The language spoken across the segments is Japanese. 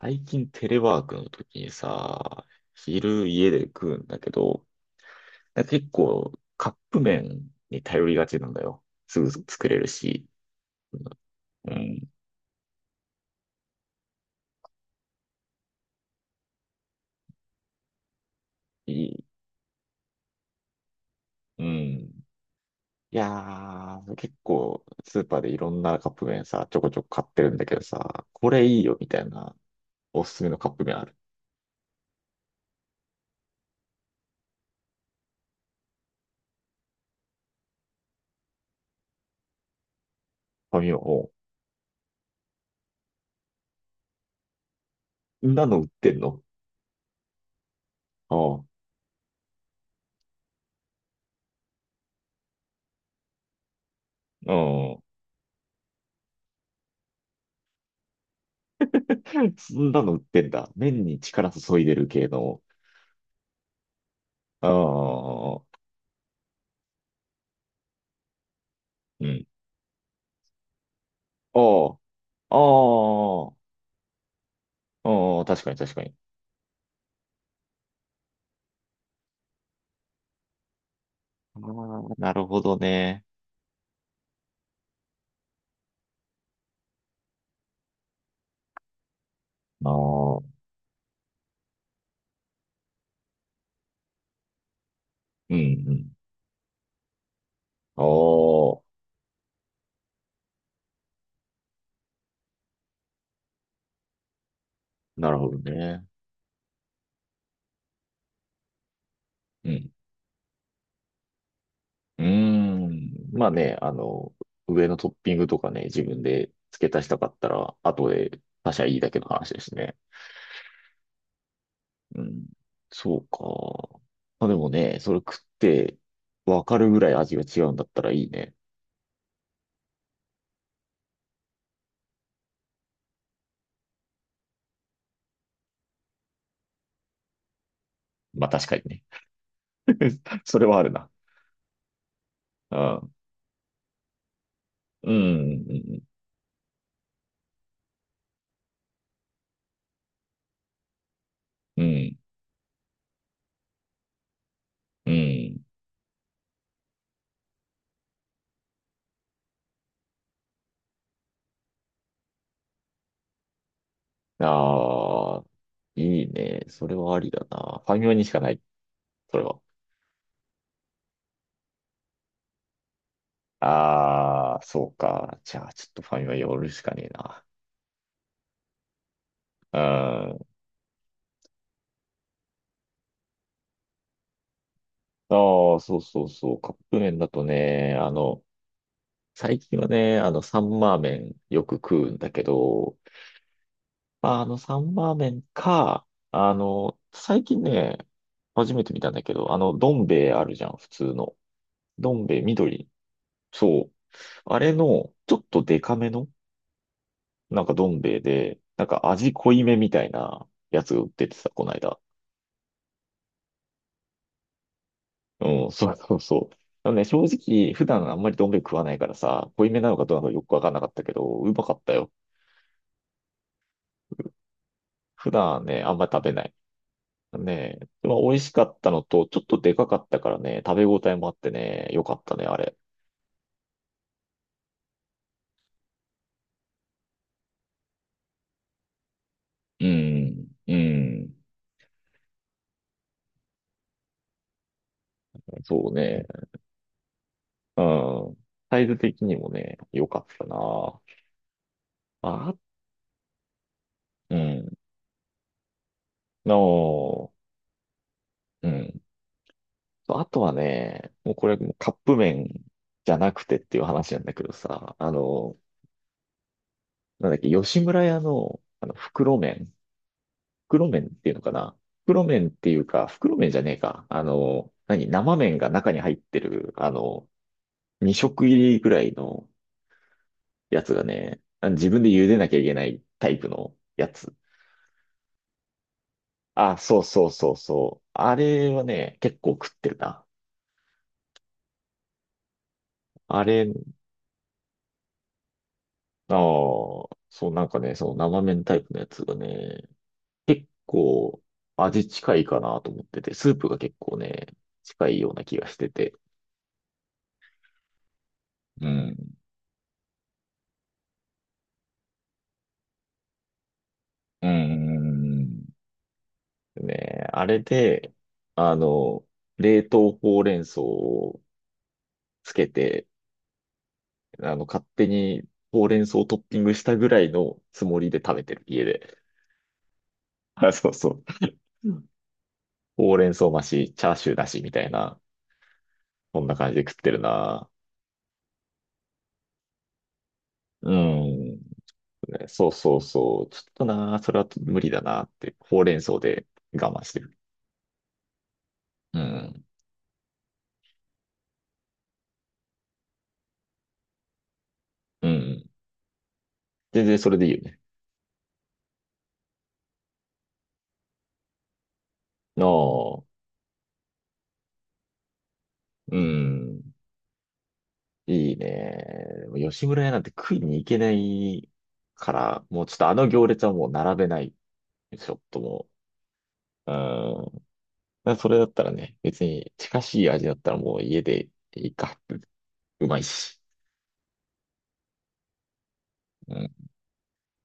最近テレワークの時にさ、昼家で食うんだけど、なんか結構カップ麺に頼りがちなんだよ。すぐ作れるし。うん。いい。うん。いやー、結構スーパーでいろんなカップ麺さ、ちょこちょこ買ってるんだけどさ、これいいよみたいなおすすめのカップ麺ある。紙を、おう。そんなの売ってんの。ああ、うん。そんなの売ってんだ。麺に力注いでる系の。ああ、うん。ああ、ああ、うん、確かに確かに。あーなるほどね。ああ、うん、うん。ああ、なるほどね。うん。うーん。まあね、上のトッピングとかね、自分で付け足したかったら、後で他社いいだけの話ですね。うん。そうか。まあでもね、それ食って分かるぐらい味が違うんだったらいいね。まあ確かにね。それはあるな。うん。うん、うん、うん、うん。うん。ああ、いいね。それはありだな。ファミマにしかない。それは。ああ、そうか。じゃあ、ちょっとファミマ寄るしかねえな。うん。ああ、そうそうそう。カップ麺だとね、最近はね、サンマー麺よく食うんだけど、まあ、あの、サンマー麺か、最近ね、初めて見たんだけど、あの、どん兵衛あるじゃん、普通の。どん兵衛緑。そう。あれの、ちょっとデカめのなんかどん兵衛で、なんか味濃いめみたいなやつが売っててさ、こないだ。うん、そうそうそう。でもね、正直、普段あんまりどん兵衛食わないからさ、濃いめなのかどうなのかよくわかんなかったけど、うまかったよ。普段ね、あんまり食べない。ねえ、まあ、美味しかったのと、ちょっとでかかったからね、食べ応えもあってね、よかったね、あれ。うん、うん、そうね、うん。サイズ的にもね、よかったな。あ、うん、の、うん。そうあとはね、もうこれカップ麺じゃなくてっていう話なんだけどさ、あの、なんだっけ、吉村屋の、あの、袋麺。袋麺っていうのかな。袋麺っていうか、袋麺じゃねえか。あの、何生麺が中に入ってる、あの、2食入りぐらいのやつがね、あの自分で茹でなきゃいけないタイプのやつ。あ、そうそうそうそう。あれはね、結構食ってるな。あれ、ああ、そう。なんかね、その生麺タイプのやつがね、結構味近いかなと思ってて、スープが結構ね、近いような気がしてて。うん。うん。ね、あれで、あの、冷凍ほうれん草をつけて、勝手にほうれん草をトッピングしたぐらいのつもりで食べてる、家で。あ、そうそう。うん。ほうれん草増し、チャーシューなしみたいな、そんな感じで食ってるな。うん。ね、そうそうそう。ちょっとな、それは無理だなって、ほうれん草で我慢してる。うん。うん。全然それでいいよね。の。うん。いいね。でも吉村屋なんて食いに行けないから、もうちょっとあの行列はもう並べない。ちょっともう。うん。だからそれだったらね、別に近しい味だったらもう家でいいか。うまいし。うん。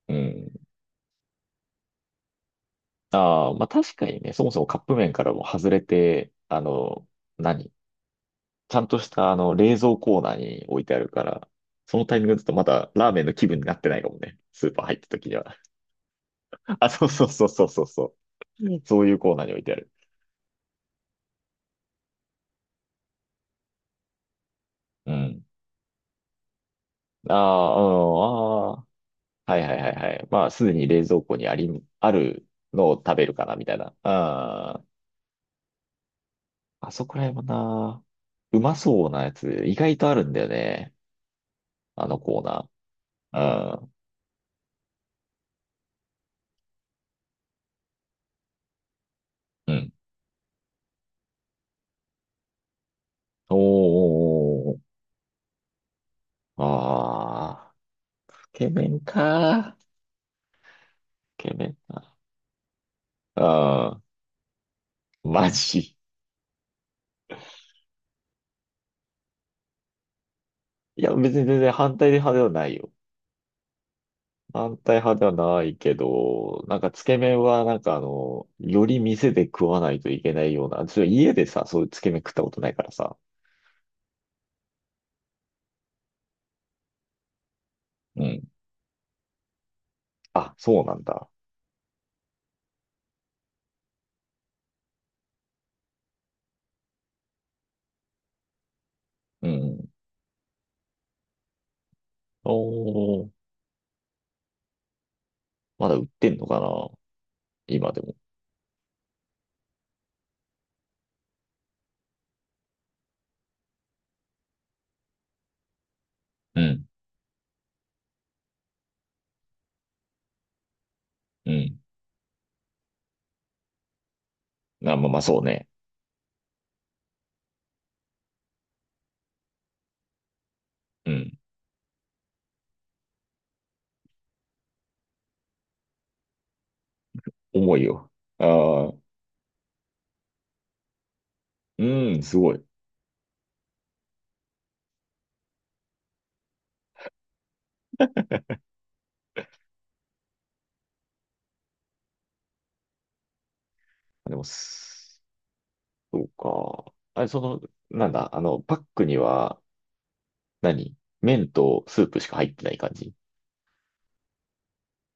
うん。ああ、まあ確かにね、そもそもカップ麺からも外れて、あの、何ちゃんとしたあの冷蔵コーナーに置いてあるから、そのタイミングだとまだラーメンの気分になってないかもね。スーパー入った時には。あ、そうそうそうそうそうそう。うん、そういうコーナーに置いてある。うん。ああ、うん、ああ。はいはいはいはい。まあ、すでに冷蔵庫にあり、あるのを食べるかな、みたいな。ああ、あそこら辺はな、うまそうなやつ、意外とあるんだよね。あのコーナー。うん。うん。おーおーおーおー。ああ、つけ麺か。ケメンな。ああマジ。いや、別に全然反対派ではないよ。反対派ではないけど、なんかつけ麺はなんかあの、より店で食わないといけないような、ちょ家でさ、そういうつけ麺食ったことないからさ。うん。あ、そうなんだ。うん。おー、まだ売ってんのかな今でも。うん。うん。あ、まあまあそうね。うん。重いよ。ああ、うん、すごい。でも、す、そうか。あれ、その、なんだ、あの、パックには、何麺とスープしか入ってない感じ。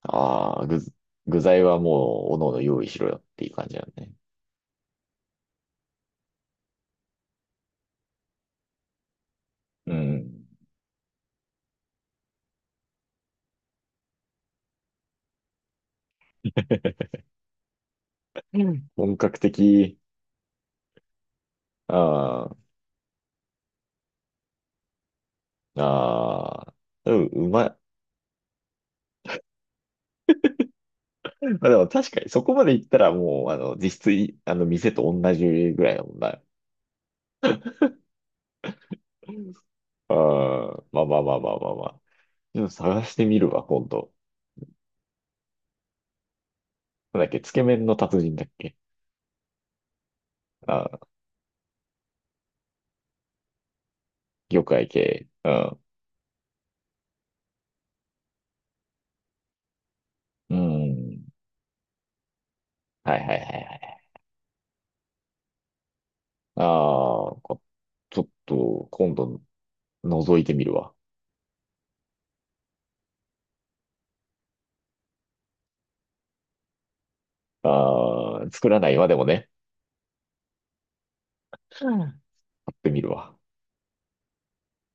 ああ具、具材はもう、おのおの用意しろよっていう感じなんね。うん。うん、本格的。ああ、ああ、うん、うまい。まあでも確かにそこまで行ったらもう、あの、実質い、あの、店と同じぐらいのもんだ。ああ、まあまあまあまあまあまあ。でも探してみるわ、今度。なんだっけ、つけ麺の達人だっけ。ああ、魚介系。うん。うん。はいはいはいはい。ああ、ちょっと、今度、覗いてみるわ。ああ、作らないわ、でもね。うん。買ってみるわ。